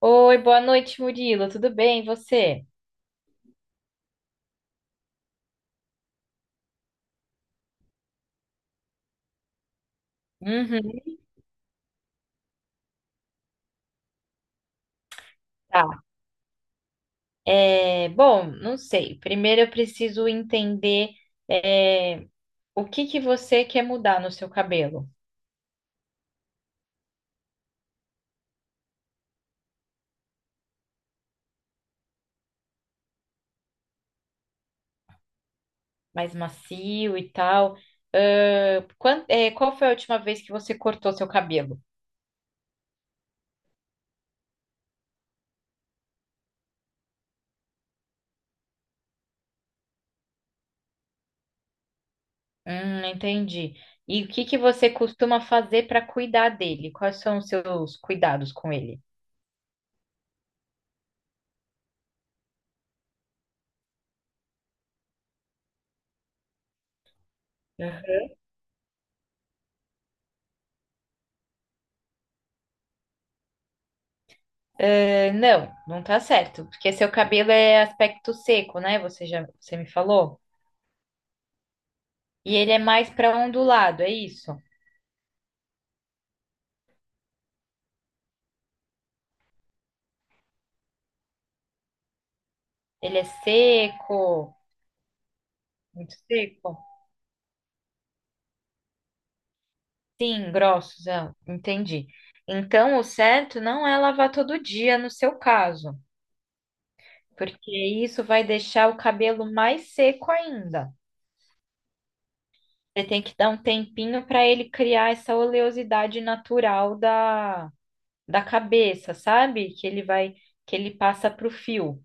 Oi, boa noite, Murilo. Tudo bem? E você? Uhum, tá. Bom, não sei. Primeiro eu preciso entender é, o que que você quer mudar no seu cabelo, mais macio e tal. Qual foi a última vez que você cortou seu cabelo? Entendi. E o que que você costuma fazer para cuidar dele? Quais são os seus cuidados com ele? Ah, não, não tá certo, porque seu cabelo é aspecto seco, né? Você me falou. E ele é mais para ondulado, é isso? Ele é seco, muito seco. Sim, grossos, ah, entendi. Então, o certo não é lavar todo dia no seu caso, porque isso vai deixar o cabelo mais seco ainda. Você tem que dar um tempinho para ele criar essa oleosidade natural da cabeça, sabe? Que ele passa pro fio.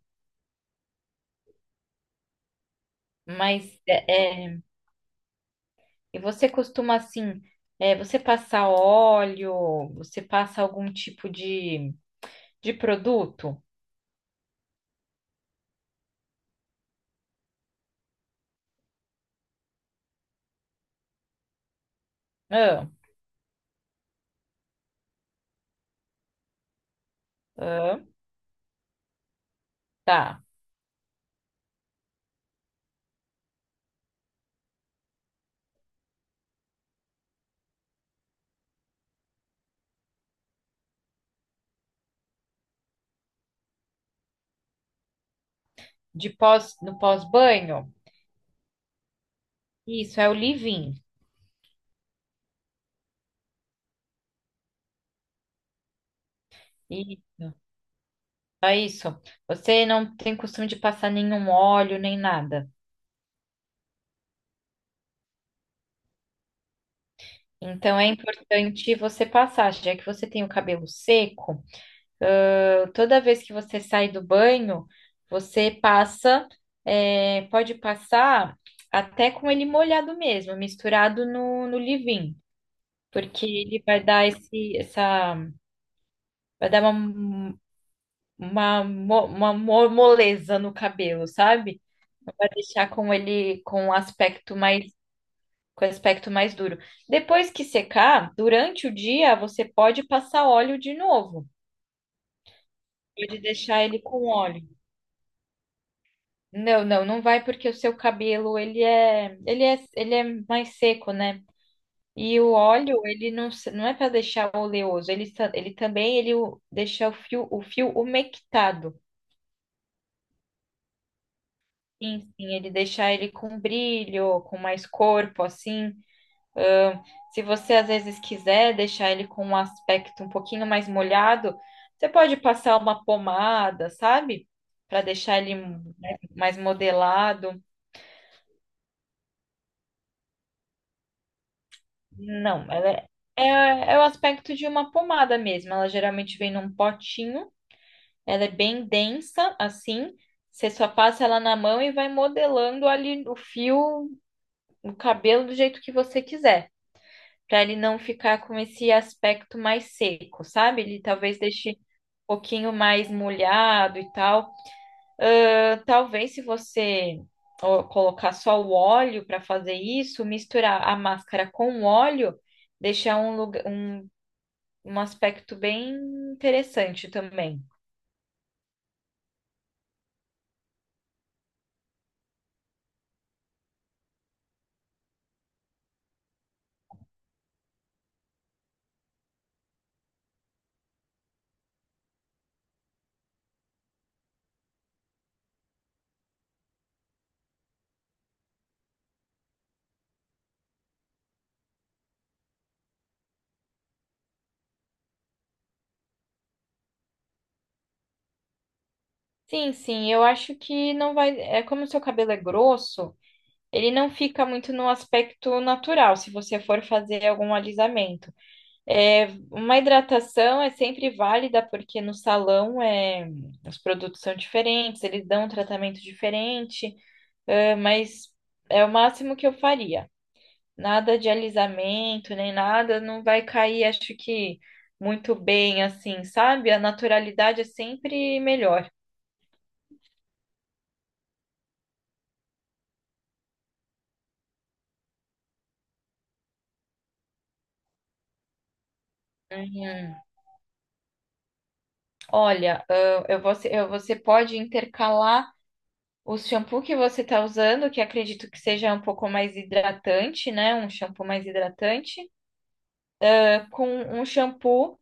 Mas e você costuma assim, você passa óleo, você passa algum tipo de produto? Ah, ah, tá. De pós, no pós-banho? Isso, é o leave-in. E- É isso. Você não tem costume de passar nenhum óleo nem nada. Então é importante você passar, já que você tem o cabelo seco. Ah, toda vez que você sai do banho, você passa, pode passar até com ele molhado mesmo, misturado no leave-in, porque ele vai dar vai dar uma moleza no cabelo, sabe? Vai deixar com aspecto mais duro. Depois que secar, durante o dia, você pode passar óleo de novo. Pode deixar ele com óleo. Não, não, não vai porque o seu cabelo ele é mais seco, né? E o óleo ele não, não é para deixar oleoso, ele, ele também ele deixa o fio umectado. Sim, sim, ele deixa ele com brilho, com mais corpo, assim. Ahn, se você às vezes quiser deixar ele com um aspecto um pouquinho mais molhado, você pode passar uma pomada, sabe? Para deixar ele mais modelado. Não, é o aspecto de uma pomada mesmo. Ela geralmente vem num potinho, ela é bem densa, assim. Você só passa ela na mão e vai modelando ali o fio, o cabelo do jeito que você quiser, para ele não ficar com esse aspecto mais seco, sabe? Ele talvez deixe um pouquinho mais molhado e tal. Ah, talvez se você ó, colocar só o óleo para fazer isso, misturar a máscara com o óleo deixar um lugar, um aspecto bem interessante também. Sim, sim, eu acho que não vai. É como o seu cabelo é grosso, ele não fica muito no aspecto natural, se você for fazer algum alisamento. É, uma hidratação é sempre válida, porque no salão os produtos são diferentes, eles dão um tratamento diferente, mas é o máximo que eu faria. Nada de alisamento, nem nada, não vai cair, acho que muito bem assim, sabe? A naturalidade é sempre melhor. Uhum. Olha, você pode intercalar o shampoo que você está usando, que acredito que seja um pouco mais hidratante, né? Um shampoo mais hidratante, ah, com um shampoo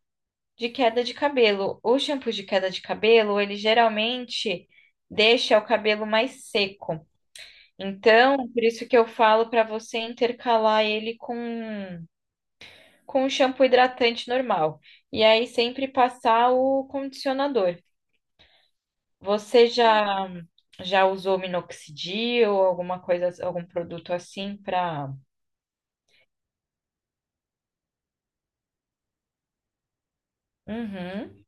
de queda de cabelo. O shampoo de queda de cabelo, ele geralmente deixa o cabelo mais seco. Então, por isso que eu falo para você intercalar ele com o shampoo hidratante normal. E aí sempre passar o condicionador. Você já usou minoxidil ou alguma coisa, algum produto assim para? Uhum,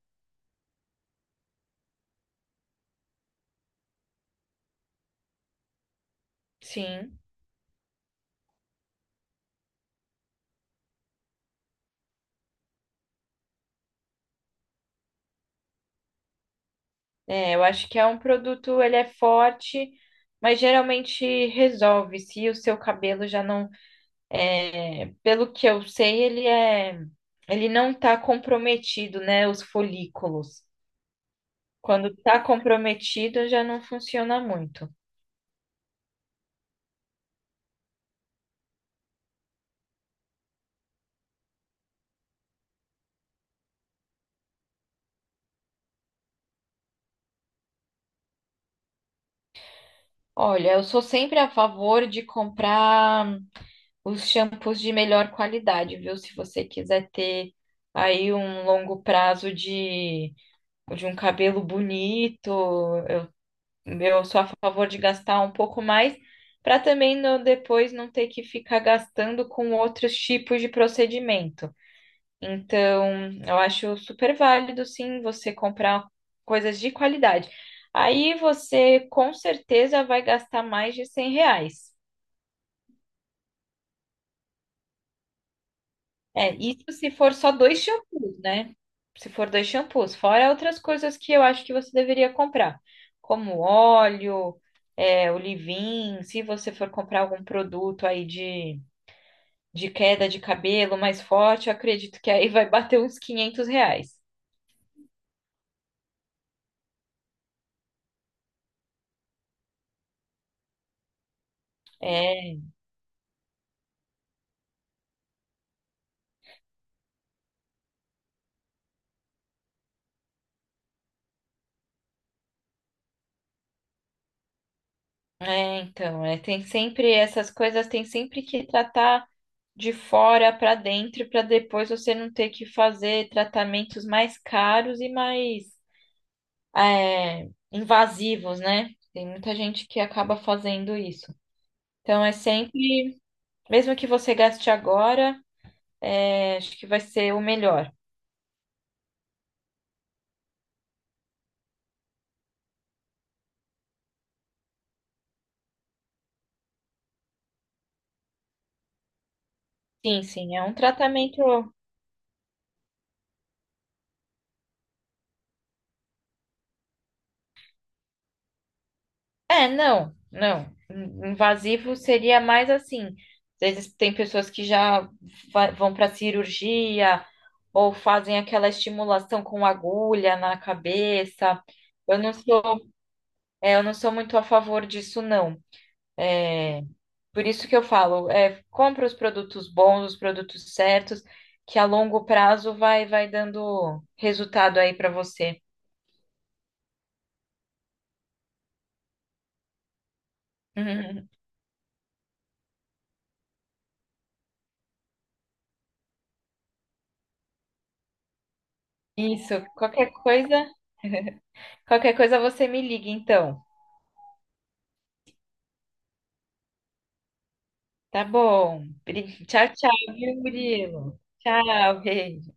sim. É, eu acho que é um produto, ele é forte, mas geralmente resolve se o seu cabelo já não, pelo que eu sei, ele não tá comprometido, né, os folículos. Quando tá comprometido, já não funciona muito. Olha, eu sou sempre a favor de comprar os shampoos de melhor qualidade, viu? Se você quiser ter aí um longo prazo de um cabelo bonito, eu sou a favor de gastar um pouco mais, para também depois não ter que ficar gastando com outros tipos de procedimento. Então, eu acho super válido, sim, você comprar coisas de qualidade. Aí você com certeza vai gastar mais de R$ 100. É, isso se for só dois shampoos, né? Se for dois shampoos, fora outras coisas que eu acho que você deveria comprar, como óleo, é, o leave-in, se você for comprar algum produto aí de queda de cabelo mais forte, eu acredito que aí vai bater uns R$ 500. É, É, então, tem sempre essas coisas, tem sempre que tratar de fora para dentro para depois você não ter que fazer tratamentos mais caros e mais invasivos, né? Tem muita gente que acaba fazendo isso. Então é sempre, mesmo que você gaste agora, acho que vai ser o melhor. Sim, sim, é um tratamento. É, não, não. Invasivo seria mais assim. Às vezes tem pessoas que já vão para cirurgia ou fazem aquela estimulação com agulha na cabeça. Eu não sou, eu não sou muito a favor disso, não. É, por isso que eu falo, é, compra os produtos bons, os produtos certos, que a longo prazo vai dando resultado aí para você. Isso, qualquer coisa você me liga, então. Tá bom. Tchau, tchau, viu, Murilo? Tchau, Rei.